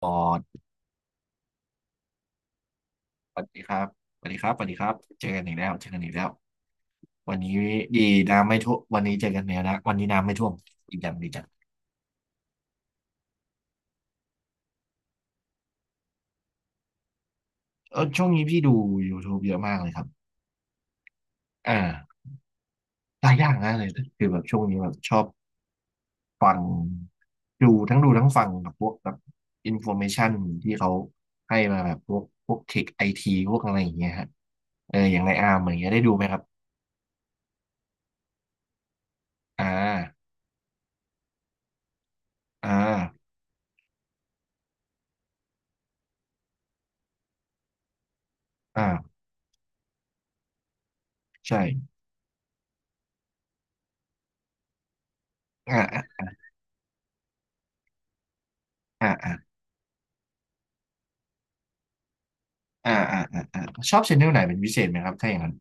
ปอดสวัสดีครับสวัสดีครับสวัสดีครับเจอกันอีกแล้วเจอกันอีกแล้ววันนี้ดีน้ำไม่ท่วมวันนี้เจอกันแล้วนะวันนี้น้ำไม่ท่วมดีจังดีจังเออช่วงนี้พี่ดู YouTube เยอะมากเลยครับอ่าหลายอย่างนะเลยคือแบบช่วงนี้แบบชอบฟังดูทั้งดูทั้งฟังแบบพวกแบบอินโฟเมชันที่เขาให้มาแบบพวกเทคไอทีพวกอะไรอย่างเงี้ยฮะเอออย่างในอาร์มอย่างเงี้ยได้ดูไหมครับอ่าอ่าอ่าใช่อ่าอ่าอ่า อ่าอ่าอ่าอ่าชอบชแนลไหนเป็นพิเศษไหมครับถ้าอย่างนั้น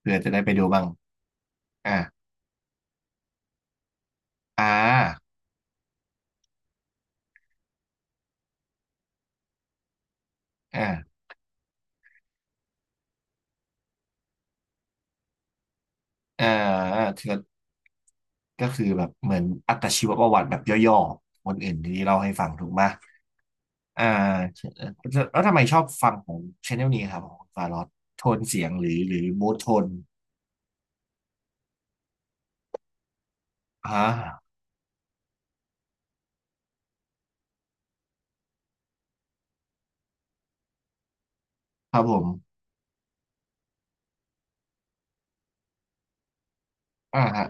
เผื่อจะได้ไปดูบ้างอ่าอ่าอ่าอ่าคือก็คือแบบเหมือนอัตชีวประวัติแบบย่อๆคนอื่นที่เราให้ฟังถูกไหมอ่าแล้วทำไมชอบฟังของชแนลนี้ครับของฟารอดโทนเสียงหรือมูดโทนอ่าครับผมอ่าฮะ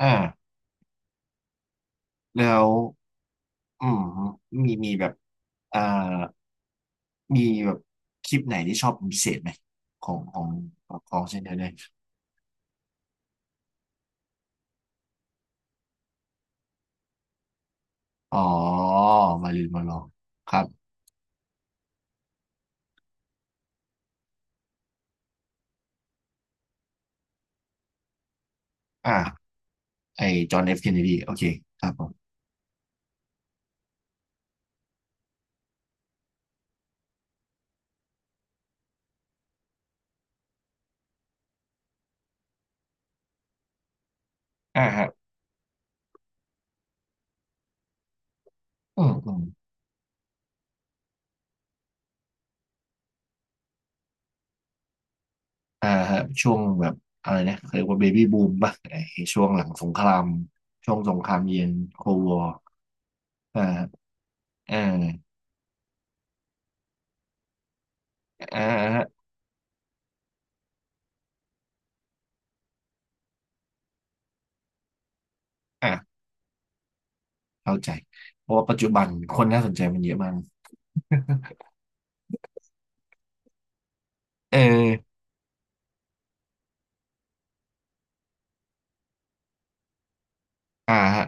อ่าแล้วอืมมีแบบอ่ามีแบบคลิปไหนที่ชอบเป็นพิเศษไหมของของของชแนลนี้ อ๋อมาริลมาลองครับอ่าไอจอห์นเอฟเคนเนดีโอเคครับผมอ่าฮะอืมอืมอ่าฮะช่วงแบบอะไรนะเขาเรียกว่าเบบี้บูมป่ะไอช่วงหลังสงครามช่วงสงครามเย็นโคลวอร์อ่าอ่าอ่าฮะอ่าเข้าใจเพราะว่าปัจจุบันคนน่าสนใจมันเยอะมากเอออ่าฮะ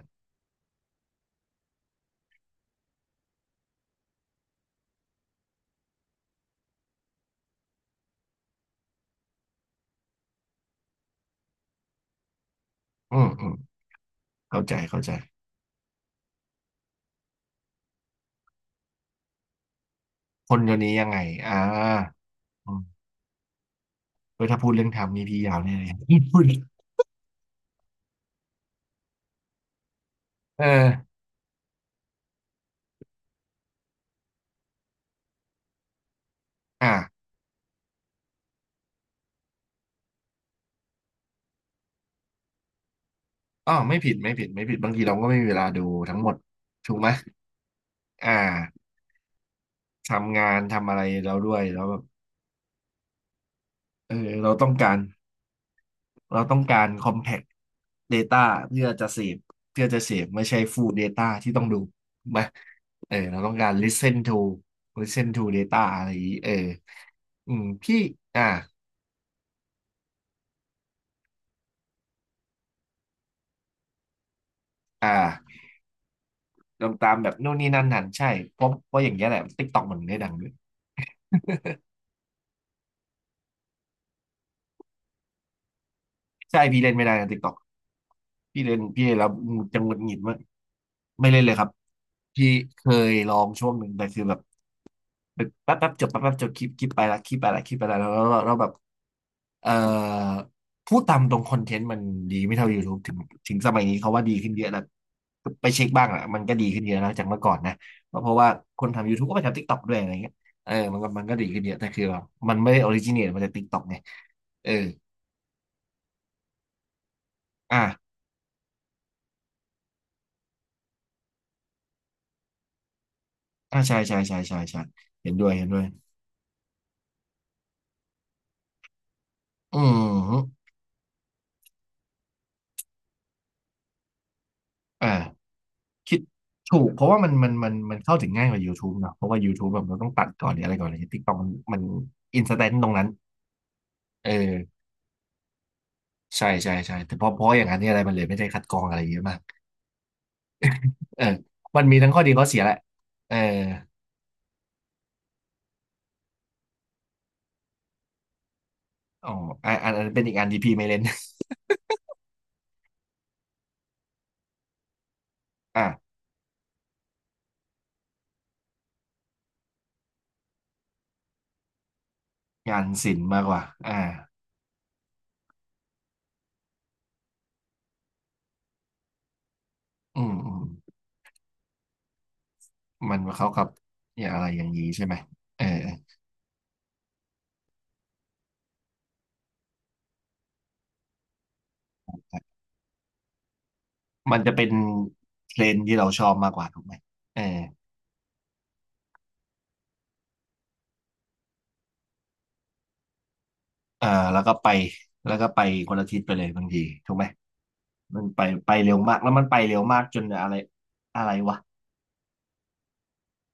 อืมอืมเข้าใจเข้าใจคนเดี๋ยวนี้ยังไงอ่าอืมเฮ้ยถ้าพูดเรื่องทำนี่พี่ยาวแน่เลย พูดเอออ่ะ อ๋อไม่ผิดไม่ผิดไม่ผิดบางทีเราก็ไม่มีเวลาดูทั้งหมดถูกไหมอ่าทำงานทำอะไรเราด้วยแล้วแบบเออเราต้องการเราต้องการ compact data เพื่อจะเสพเพื่อจะเสพไม่ใช่ full data ที่ต้องดูถูกไหมเออเราต้องการ listen to listen to data อะไรอย่างนี้เอออืมพี่อ่าอ่าลงตามแบบนู่นนี่นั่นหันใช่เพราะอย่างเงี้ยแหละ t i k t อกมันได้ดังด้วย ใช่พี่เล่นไม่ได้นะติ๊กต็อกพี่เล่นพี่เล่นแล้วจังหงุดหงิดมากไม่เล่นเลยครับพี่เคยลองช่วงหนึ่งแต่คือแบบแป๊บแป๊บจบแป๊บแป๊บจบคลิปคลิปไปละคลิปไปละคลิปไปละแล้วแบบเอ่อพูดตามตรงคอนเทนต์มันดีไม่เท่า YouTube ถึงสมัยนี้เขาว่าดีขึ้นเยอะแล้วไปเช็คบ้างอะมันก็ดีขึ้นเยอะแล้วจากเมื่อก่อนนะเพราะว่าคนทำ YouTube ก็ไปทำ TikTok ด้วยอะไรเงี้ยเออมันก็ดีขึ้นเยอะแต่คือแบบมันไม่ได้ออริจิน t e มาจาก TikTok ไงเอออ่ะ อ่าใช่ใช่ใช่ใช่ใช่เห็นด้วยเห็นด้วยอืมอ่าคิดถูกเพราะว่ามันเข้าถึงง่ายกว่า YouTube เนอะเพราะว่า YouTube แบบเราต้องตัดก่อนหรืออะไรก่อนเลยติ๊กต็อกมันอินสแตนต์ตรงนั้นเออใช่ใช่ใช่แต่เพราะอย่างนั้นเนี่ยอะไรมันเลยไม่ได้คัดกรองอะไรเยอะมากเออมันมีทั้งข้อดีข้อเสียแหละเอออ๋ออันเป็นอีกอันที่พี่ไม่เล่น อ่ะงานศิลป์มากกว่าอ่าอืมอืมมันเข้ากับอย่างอะไรอย่างนี้ใช่ไหมเออ มันจะเป็นเทรนด์ที่เราชอบมากกว่าถูกไหมเออเออแล้วก็ไปแล้วก็ไปคนละทิศไปเลยบางทีถูกไหมมันไปเร็วมากแล้วมันไปเร็วมากจนอะไรอะไรวะ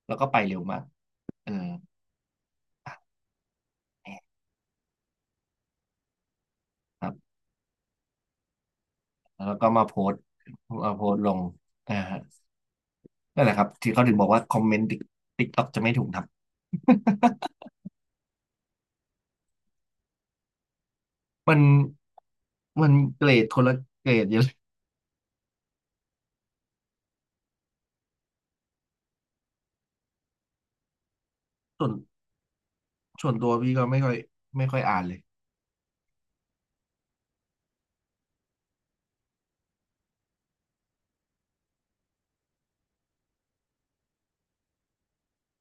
แล้วก็ไปเร็วมากเอออ่ะครับแล้วก็มาโพสต์ลงอ่านั่นแหละครับที่เขาถึงบอกว่าคอมเมนต์ติ๊กต็อกจะไม่ถูกทำ มันมันเกรดคนละเกรดเยอะส่วนส่วนตัวพี่ก็ไม่ค่อยอ่านเลย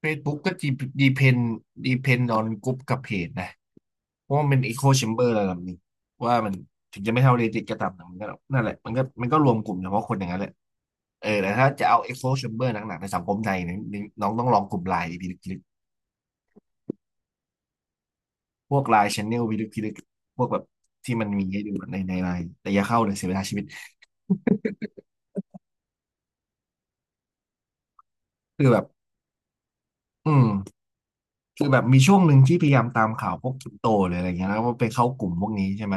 Facebook ก็ดีเพนออนกรุ๊ปกับเพจนะเพราะว่ามันเป็น Echo Chamber ระดับหนึ้งว่ามันถึงจะไม่เท่า Reddit ก็ตามแต่มันก็นั่นแหละมันก็รวมกลุ่มเฉพาะคนอย่างนั้นแหละเออแต่ถ้าจะเอา Echo Chamber หนักๆในสังคมไทยเนี่ยนน้องต้องลองกลุ่มไลน์พิลึกพิลึกพวกไลน์ Channel พิลึกพิลึกพวกแบบที่มันมีให้ดูในในไลน์แต่อย่าเข้าเลยเสียเวลาชีวิตคือแบบอืมคือแบบมีช่วงหนึ่งที่พยายามตามข่าวพวกคริปโตหรืออะไรอย่างเงี้ยแล้วก็ไปเข้ากลุ่มพวกนี้ใช่ไหม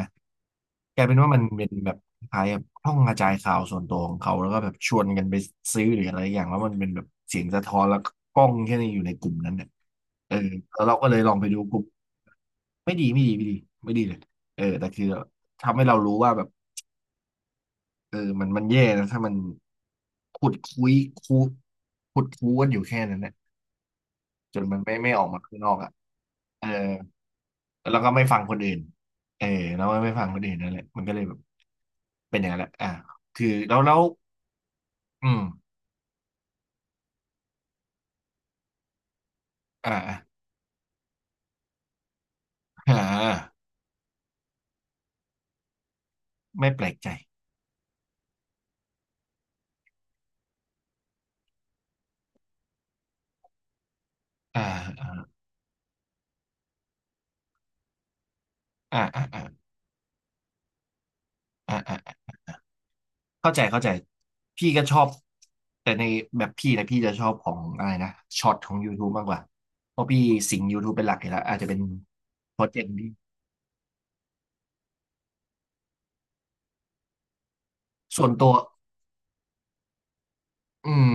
กลายเป็นว่ามันเป็นแบบคล้ายๆแบบห้องกระจายข่าวส่วนตัวของเขาแล้วก็แบบชวนกันไปซื้อหรืออะไรอย่างแล้วมันเป็นแบบเสียงสะท้อนแล้วก็กล้องแค่นี้อยู่ในกลุ่มนั้นเนี่ยเออแล้วเราก็เลยลองไปดูกลุ่มไม่ดีไม่ดีไม่ดีไม่ดีเลยเออแต่คือทำให้เรารู้ว่าแบบเออมันแย่นะถ้ามันขุดคุยคูขุดคูกันอยู่แค่นั้นเนี่ยจนมันไม่ออกมาข้างนอกอ่ะเออแล้วก็ไม่ฟังคนอื่นเออแล้วไม่ฟังคนอื่นนั่นแหละมันก็เลยแบบเป็นอย่างนั้นแหละอ่ะคือแล้วอืม อ่าอ่าไม่แปลกใจอ่าอ่าอ่าอ่าอ่าอ่าอ่าเข้าใจเข้าใจพี่ก็ชอบแต่ในแบบพี่นะพี่จะชอบของอะไรนะช็อตของ YouTube มากกว่าเพราะพี่สิง YouTube เป็นหลักอยู่แล้วอาจจะเป็นโปรเจกต์ที่ส่วนตัวอืม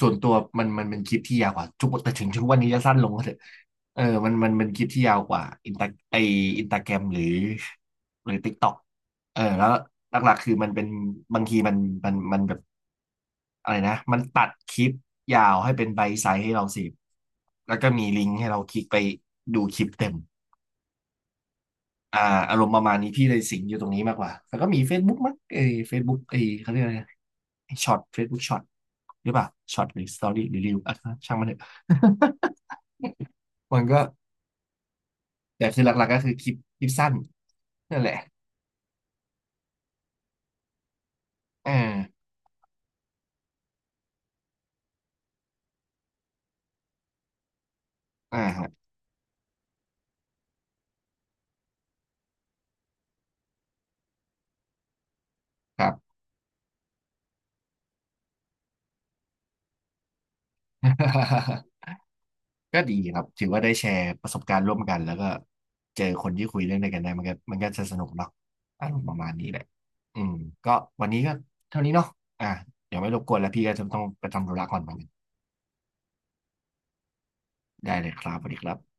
ส่วนตัวมันเป็นคลิปที่ยาวกว่าทุกแต่ถึงทุกวันนี้จะสั้นลงก็เถอะเออมันเป็นคลิปที่ยาวกว่าอินตาไออินตาแกรมหรือหรือ TikTok เออแล้วหลักๆคือมันเป็นบางทีมันมันแบบ อะไรนะมันตัดคลิปยาวให้เป็นไบต์ไซส์ให้เราเสพแล้วก็มีลิงก์ให้เราคลิกไปดูคลิปเต็มอ่าอารมณ์ประมาณนี้พี่เลยสิงอยู่ตรงนี้มากกว่าแล้วก็มี Facebook มั้งเอ้ย Facebook เอ้ยเขาเรียกอะไรช็อต Facebook ช็อตหรือเปล่าช็อตหรือสตอรี่หรือรีวอ่ะช่างมันเถอะ มันก็แต่คือหลักๆก็คือคลิปสั้นนั่นแหละอ่าอ่าครับ ก็ดีครับถือว่าได้แชร์ประสบการณ์ร่วมกันแล้วก็เจอคนที่คุยเรื่องเดียวกันได้มันก็จะสนุกเนาะอารมณ์ประมาณนี้แหละอืมก็วันนี้ก็เท่านี้เนาะอ่ะเดี๋ยวไม่รบกวนแล้วพี่ก็จะต้องไปทำธุระก่อนเหมือนกันได้เลยครับสวัสดีครับ